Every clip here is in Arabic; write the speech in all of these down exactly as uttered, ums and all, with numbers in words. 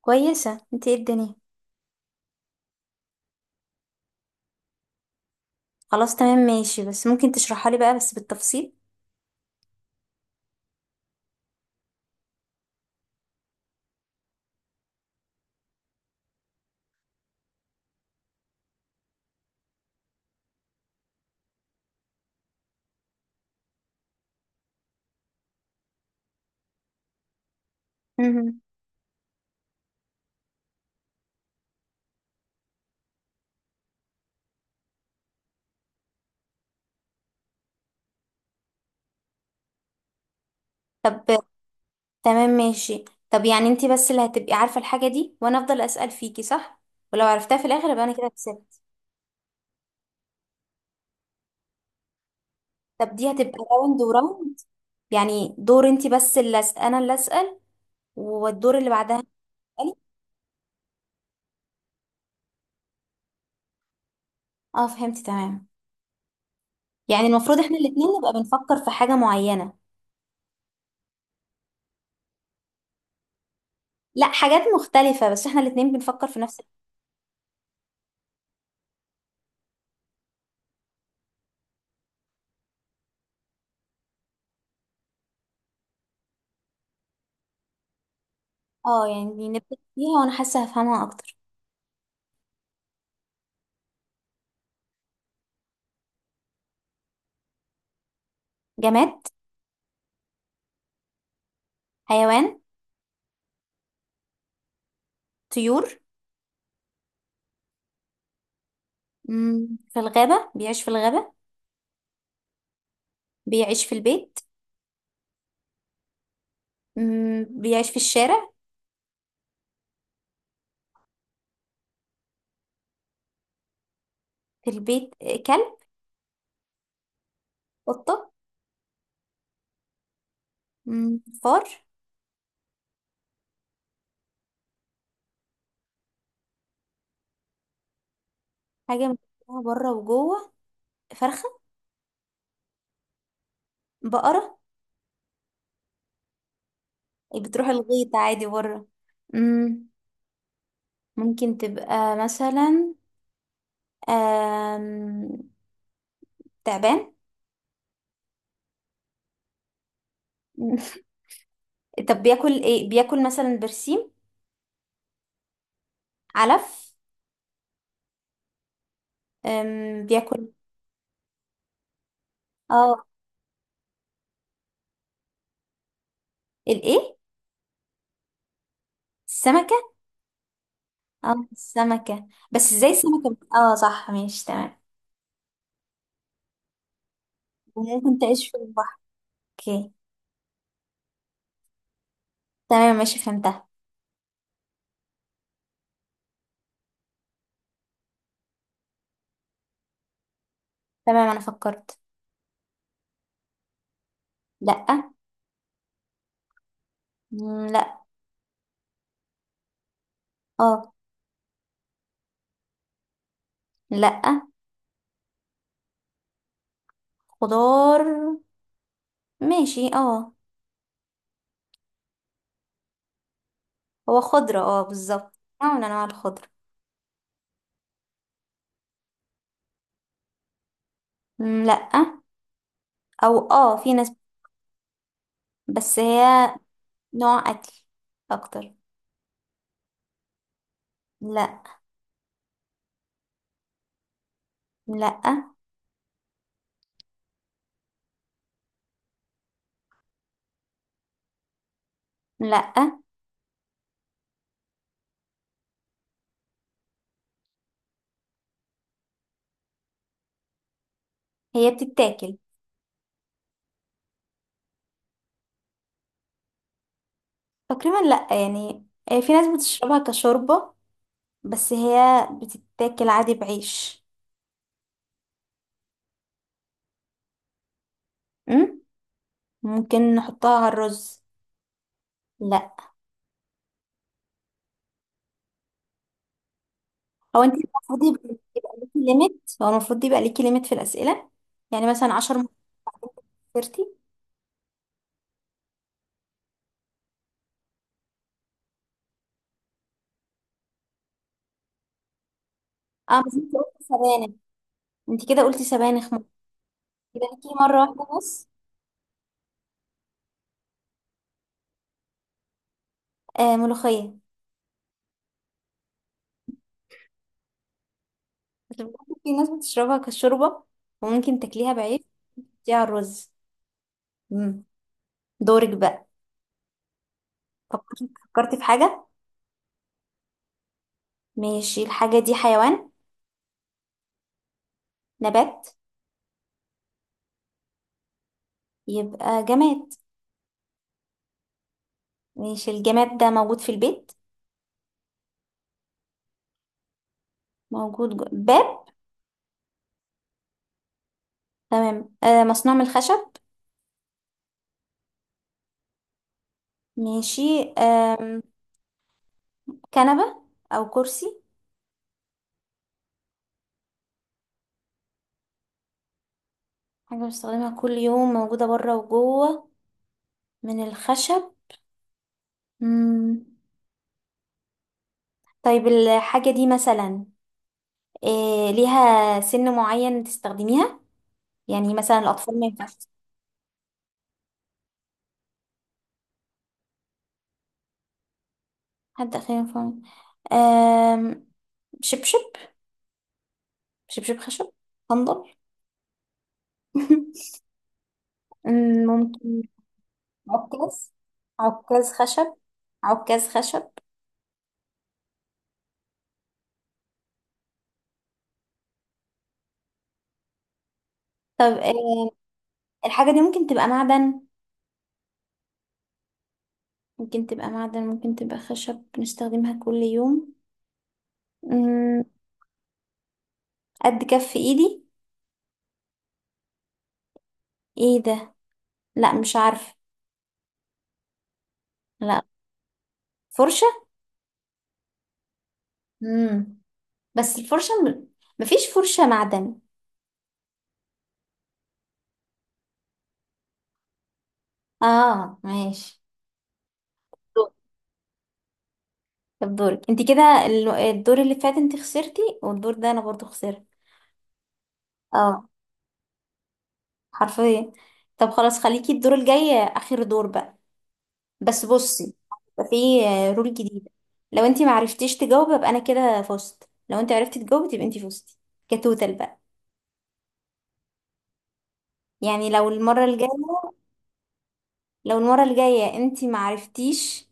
كويسة، انت؟ ايه الدنيا؟ خلاص تمام ماشي، بس ممكن تشرحها لي بقى بس بالتفصيل. مهم. طب تمام ماشي. طب يعني انت بس اللي هتبقي عارفة الحاجة دي وانا افضل اسأل فيكي، صح؟ ولو عرفتها في الاخر يبقى انا كده كسبت. طب دي هتبقى راوند وراوند؟ يعني دور انت بس اللي أس... انا اللي اسأل، والدور اللي بعدها تسألي. اه فهمت تمام. يعني المفروض احنا الاتنين نبقى بنفكر في حاجة معينة؟ لا، حاجات مختلفة، بس احنا الاتنين بنفكر في نفس. اه يعني نبدأ فيها وانا حاسة هفهمها اكتر. جماد؟ حيوان؟ طيور؟ مم، في الغابة، بيعيش في الغابة؟ بيعيش في البيت؟ مم، بيعيش في الشارع؟ في البيت، آه، كلب؟ قطة؟ مم، فار؟ حاجة من بره وجوه. فرخة؟ بقرة؟ بتروح الغيط عادي بره. مم، ممكن تبقى مثلا آم، تعبان؟ طب بياكل ايه؟ بياكل مثلا برسيم؟ علف؟ آم، بياكل. اه الايه؟ السمك. اه السمكة، بس ازاي السمكة بت- اه صح، ماشي تمام. وممكن تعيش في البحر. اوكي، تمام ماشي فهمتها. تمام انا فكرت. لأ. مم، لأ. اه. لأ. خضار. ماشي اه. هو خضرة، اه بالظبط نوع من انواع الخضرة. مم، لأ. او اه في ناس. بس هي نوع اكل اكتر. لأ. لأ. لأ. هي بتتاكل. تقريبا لأ يعني. آه، في ناس بتشربها كشوربة، بس هي بتتاكل عادي بعيش. أم؟ ممكن نحطها على الرز. لا. هو انت المفروض يبقى يبقى ليكي ليميت، هو المفروض يبقى ليكي ليميت في الأسئلة، يعني مثلا 10 مرات. خسرتي. اه بس انت قلتي سبانخ، انت كده قلتي سبانخ ممكن، يبقى ليكي مرة واحدة بس. آه ملوخية. بس برضه في ناس بتشربها كشوربة، وممكن تاكليها بعيش، دي على الرز. أم. دورك بقى. فكرتي فكرتي في حاجة. ماشي، الحاجة دي حيوان؟ نبات؟ يبقى جماد. ماشي، الجماد ده موجود في البيت؟ موجود جو... باب؟ تمام. آه مصنوع من الخشب. ماشي. آه كنبة؟ أو كرسي؟ حاجة بستخدمها كل يوم، موجودة بره وجوه، من الخشب. مم. طيب الحاجة دي مثلا آه ليها سن معين تستخدميها؟ يعني مثلا الأطفال ما ينفعش؟ حد آخر ينفع؟ آه شبشب؟ شبشب خشب؟ صندل؟ ممكن. عكاز؟ عكاز خشب؟ عكاز خشب. طب آه، الحاجة دي ممكن تبقى معدن؟ ممكن تبقى معدن ممكن تبقى خشب، بنستخدمها كل يوم. مم. قد كف ايدي. ايه ده؟ لا مش عارفة. لا. فرشة. مم. بس الفرشة م... مفيش فرشة معدن. اه ماشي. دور. طب دورك انت كده، ال- الدور اللي فات انت خسرتي، والدور ده انا برضو خسرت. اه حرفيا. طب خلاص خليكي الدور الجاي اخر دور بقى. بس بصي، يبقى في آه، رول جديدة. لو انت ما عرفتيش تجاوبي يبقى انا كده فزت، لو انت عرفتي تجاوبي تبقى انت فزتي. كتوتال بقى. يعني لو المرة الجاية لو المرة الجاية انت ما عرفتيش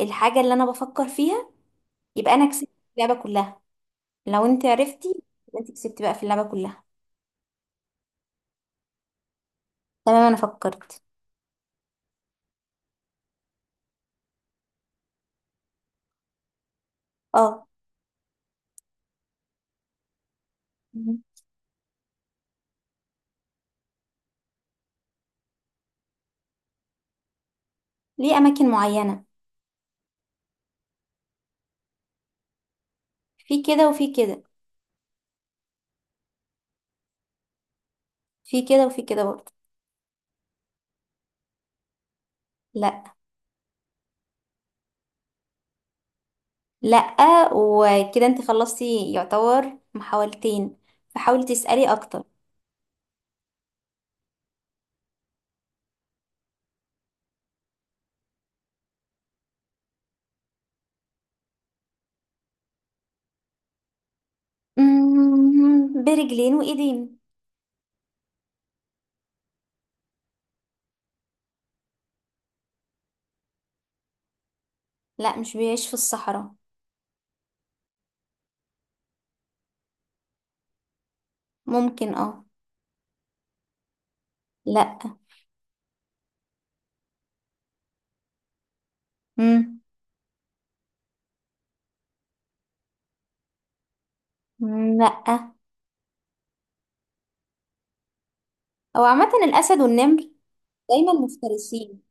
الحاجة اللي انا بفكر فيها، يبقى انا كسبت اللعبة كلها، لو انت عرفتي يبقى انت كسبتي بقى في اللعبة كلها. تمام انا فكرت. اه. مم. ليه اماكن معينة. في كده وفي كده. في كده وفي كده برضه. لا. لأ. وكده انت خلصتي يعتبر محاولتين، فحاولي تسألي أكتر. مم، برجلين وإيدين. لأ مش بيعيش في الصحراء. ممكن اه. لأ. مم، مم، لأ. هو عامة الأسد والنمر دايما مفترسين.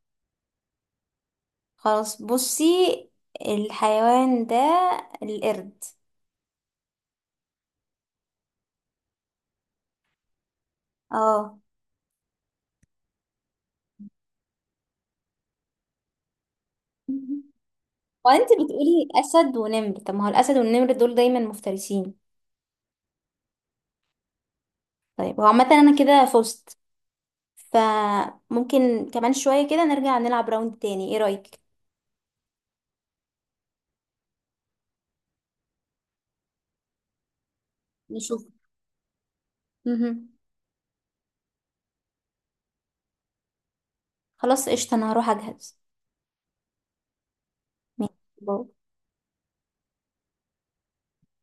خلاص بصي، الحيوان ده القرد. اه. وانت بتقولي أسد ونمر، طب ما هو الأسد والنمر دول دايما مفترسين. طيب هو عامة أنا كده فزت. فممكن كمان شوية كده نرجع نلعب راوند تاني، ايه رأيك؟ نشوف. مهم. خلاص قشطة، انا هروح اجهز. ماشي، باي.